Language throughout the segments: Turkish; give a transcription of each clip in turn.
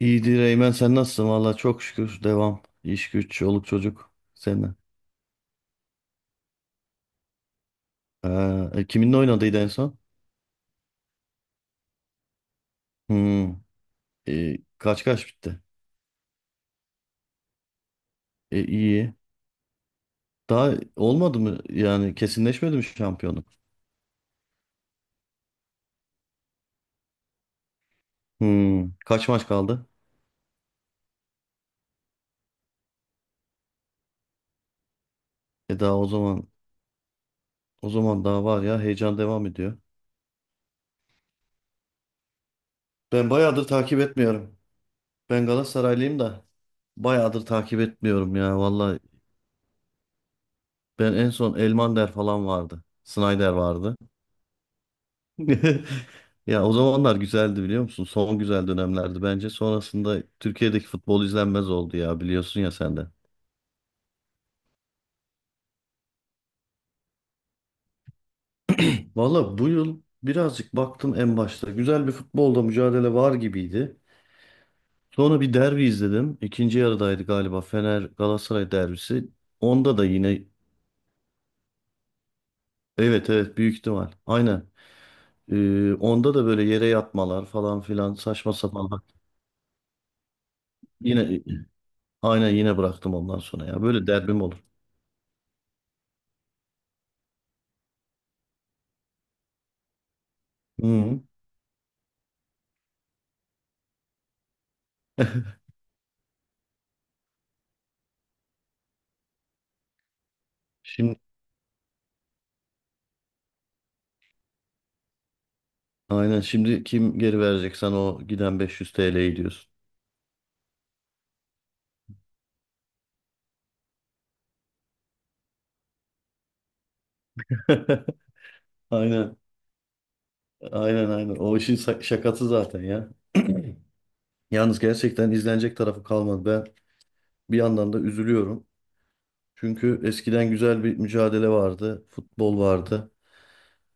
İyidir Eymen sen nasılsın? Valla çok şükür devam. İş güç, çoluk çocuk. Seninle. Ha, kiminle oynadıydı en son? Hmm, kaç kaç bitti? E, iyi. Daha olmadı mı? Yani kesinleşmedi mi şampiyonluk? Hmm, kaç maç kaldı? E, daha o zaman daha var ya, heyecan devam ediyor. Ben bayağıdır takip etmiyorum. Ben Galatasaraylıyım da bayağıdır takip etmiyorum ya. Valla, ben en son Elmander falan vardı. Snyder vardı. Ya, o zamanlar güzeldi biliyor musun? Son güzel dönemlerdi bence. Sonrasında Türkiye'deki futbol izlenmez oldu ya, biliyorsun ya sen de. Valla bu yıl birazcık baktım en başta. Güzel bir futbolda mücadele var gibiydi. Sonra bir derbi izledim. İkinci yarıdaydı galiba, Fener Galatasaray derbisi. Onda da yine evet evet, büyük ihtimal. Aynen. Onda da böyle yere yatmalar falan filan, saçma sapan. Yine aynen, yine bıraktım ondan sonra ya. Böyle derbim olur. Hı. Şimdi Aynen, şimdi kim geri verecek sana o giden 500 TL'yi diyorsun. Aynen. Aynen, aynen. O işin şakası zaten ya. Yalnız gerçekten izlenecek tarafı kalmadı. Ben bir yandan da üzülüyorum. Çünkü eskiden güzel bir mücadele vardı. Futbol vardı.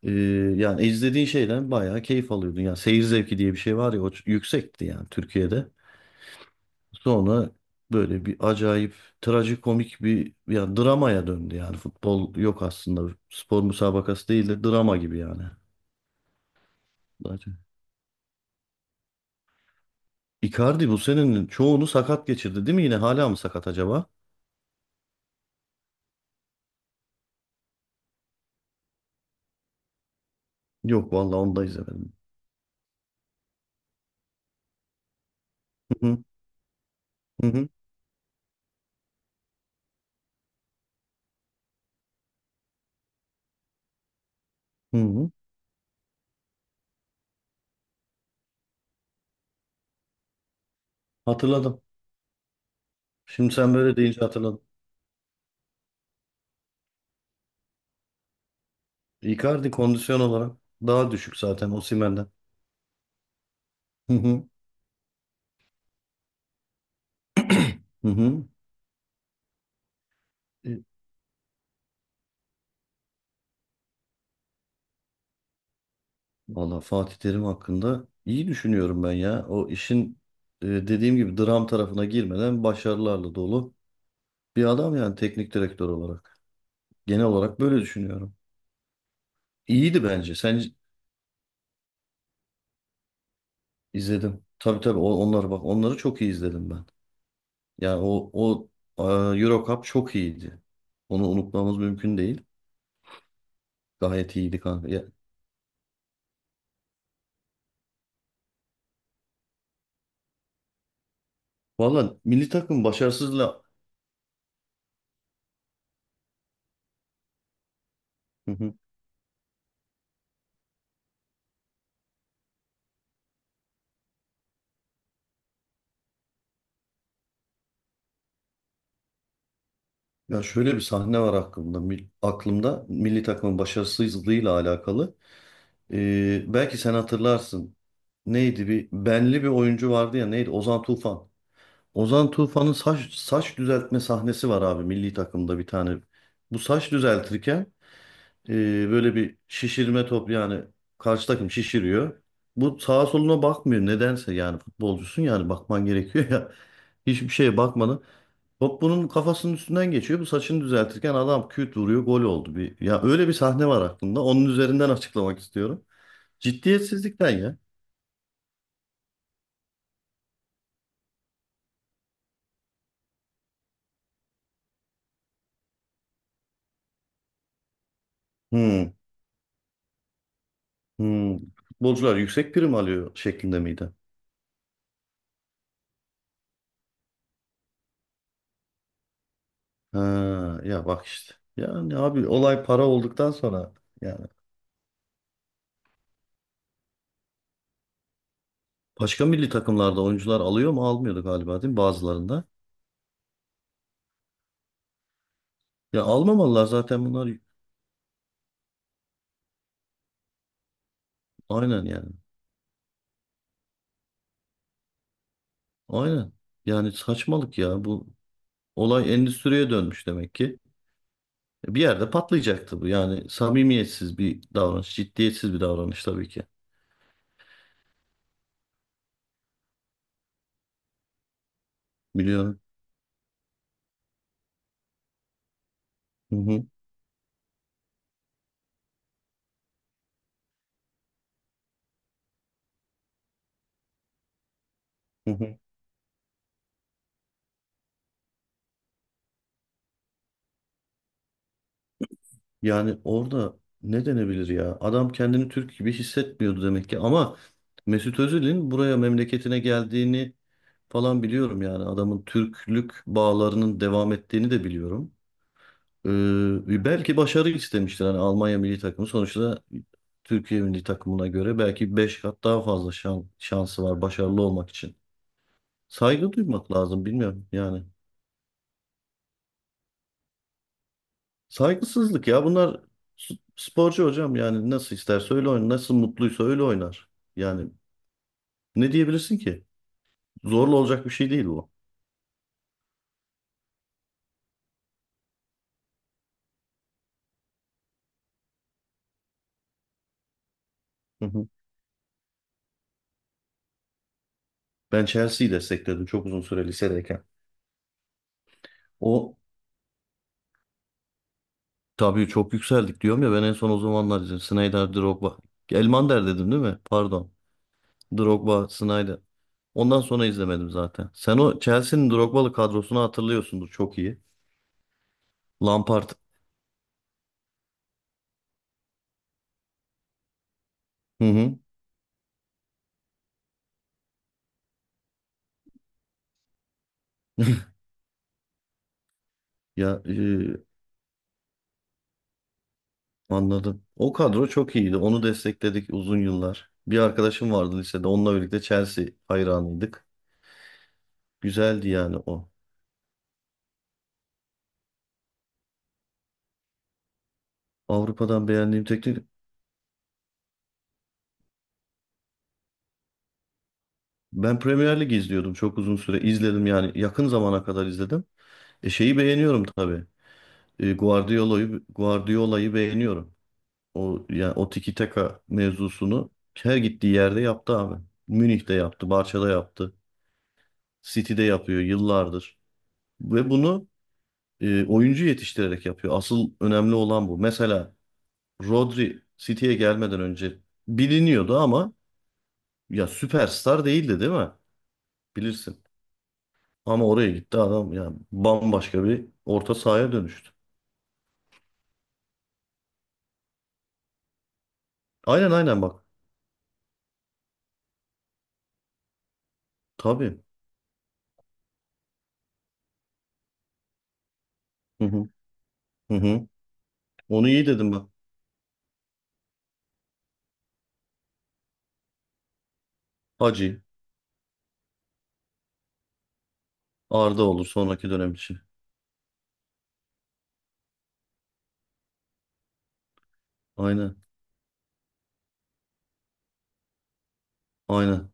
Ee, Yani izlediğin şeyden bayağı keyif alıyordun. Yani seyir zevki diye bir şey var ya, o yüksekti yani Türkiye'de. Sonra böyle bir acayip, trajikomik bir ya dramaya döndü yani. Futbol yok aslında. Spor müsabakası değil de drama gibi yani. Zaten. Icardi bu senenin çoğunu sakat geçirdi değil mi? Yine hala mı sakat acaba? Yok vallahi, onu da izlemedim. Hı hı, hı hı, hı hı. Hatırladım. Şimdi sen böyle deyince hatırladım. Icardi kondisyon olarak daha düşük zaten Osimhen'den. Hı hı, hı hı. Valla Fatih Terim hakkında iyi düşünüyorum ben ya. O işin, dediğim gibi, dram tarafına girmeden başarılarla dolu bir adam yani, teknik direktör olarak. Genel olarak böyle düşünüyorum. İyiydi bence. Sen izledim. Tabii, tabii, onları, bak, onları çok iyi izledim ben. Yani o Euro Cup çok iyiydi. Onu unutmamız mümkün değil. Gayet iyiydi kanka. Ya, valla milli takım başarısızla. Hı hı. Ya şöyle bir sahne var aklımda. Aklımda milli takımın başarısızlığıyla alakalı. Belki sen hatırlarsın. Neydi, bir benli bir oyuncu vardı ya, neydi? Ozan Tufan. Ozan Tufan'ın saç düzeltme sahnesi var abi, milli takımda bir tane. Bu saç düzeltirken e, böyle bir şişirme top yani, karşı takım şişiriyor. Bu sağa soluna bakmıyor nedense, yani futbolcusun yani, bakman gerekiyor ya. Hiçbir şeye bakmadan top bunun kafasının üstünden geçiyor. Bu saçını düzeltirken adam küt vuruyor, gol oldu bir. Ya öyle bir sahne var aklımda. Onun üzerinden açıklamak istiyorum. Ciddiyetsizlikten ya. Hmm, hmm. Futbolcular yüksek prim alıyor şeklinde miydi? Ha, ya bak işte. Yani abi, olay para olduktan sonra yani, başka milli takımlarda oyuncular alıyor mu, almıyordu galiba değil mi bazılarında? Ya almamalılar zaten bunlar. Aynen yani. Aynen. Yani saçmalık ya, bu olay endüstriye dönmüş demek ki. Bir yerde patlayacaktı bu. Yani samimiyetsiz bir davranış, ciddiyetsiz bir davranış tabii ki. Biliyorum. Hı hı, hı hı. Yani orada ne denebilir ya? Adam kendini Türk gibi hissetmiyordu demek ki. Ama Mesut Özil'in buraya, memleketine geldiğini falan biliyorum yani. Adamın Türklük bağlarının devam ettiğini de biliyorum. Belki başarı istemiştir. Hani Almanya milli takımı sonuçta Türkiye milli takımına göre belki 5 kat daha fazla şansı var başarılı olmak için. Saygı duymak lazım, bilmiyorum yani. Saygısızlık ya bunlar, sporcu hocam, yani nasıl isterse öyle oynar, nasıl mutluysa öyle oynar. Yani ne diyebilirsin ki? Zorla olacak bir şey değil bu. Hı hı. Ben Chelsea'yi destekledim çok uzun süre lisedeyken. O, tabii çok yükseldik diyorum ya, ben en son o zamanlar dedim, Snyder, Drogba. Elmander dedim değil mi? Pardon. Drogba, Snyder. Ondan sonra izlemedim zaten. Sen o Chelsea'nin Drogba'lı kadrosunu hatırlıyorsundur çok iyi. Lampard. Hı hı. Ya, anladım. O kadro çok iyiydi. Onu destekledik uzun yıllar. Bir arkadaşım vardı lisede. Onunla birlikte Chelsea hayranıydık. Güzeldi yani o. Avrupa'dan beğendiğim teknik... Ben Premier Lig izliyordum çok uzun süre. İzledim yani, yakın zamana kadar izledim. E, şeyi beğeniyorum tabii. Guardiola'yı beğeniyorum. O yani, o tiki taka mevzusunu her gittiği yerde yaptı abi. Münih'te yaptı, Barça'da yaptı, City'de yapıyor yıllardır. Ve bunu oyuncu yetiştirerek yapıyor. Asıl önemli olan bu. Mesela Rodri City'ye gelmeden önce biliniyordu ama ya, süperstar değildi değil mi? Bilirsin. Ama oraya gitti adam, ya bambaşka bir orta sahaya dönüştü. Aynen, aynen, bak. Tabii. Hı hı. Hı hı. Onu iyi dedim bak. Hacı. Arda olur sonraki dönem için. Aynen. Aynen.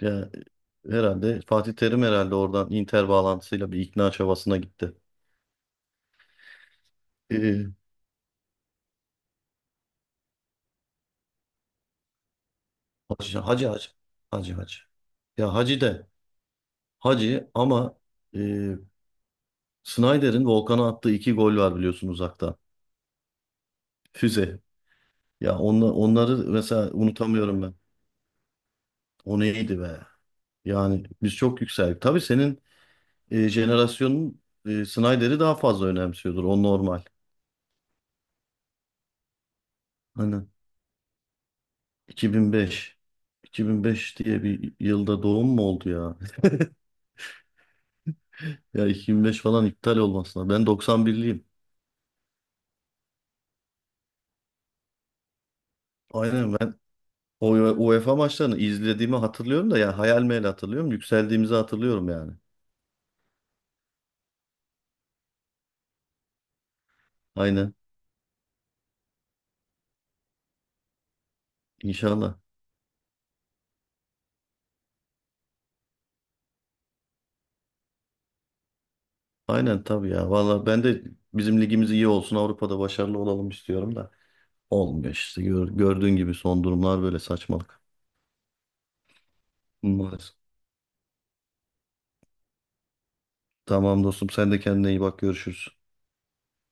Ya, herhalde Fatih Terim herhalde oradan Inter bağlantısıyla bir ikna çabasına gitti. Ee, Hacı, hacı, hacı. Hacı, hacı. Ya hacı de. Hacı ama, e, Snyder'in Volkan'a attığı iki gol var biliyorsun, uzakta. Füze. Ya onları mesela unutamıyorum ben. O neydi be? Yani biz çok yükseldik. Tabii senin jenerasyonun Snyder'i daha fazla önemsiyordur. O normal. Hani 2005. 2005 diye bir yılda doğum mu oldu ya? Ya 2005 falan iptal olmasına. Ben 91'liyim. Aynen. O UEFA maçlarını izlediğimi hatırlıyorum da, ya hayal meyal hatırlıyorum. Yükseldiğimizi hatırlıyorum yani. Aynen. İnşallah. Aynen, tabii ya. Vallahi ben de bizim ligimiz iyi olsun, Avrupa'da başarılı olalım istiyorum da. Olmuyor işte. Gördüğün gibi son durumlar böyle, saçmalık. Maalesef. Tamam dostum, sen de kendine iyi bak, görüşürüz.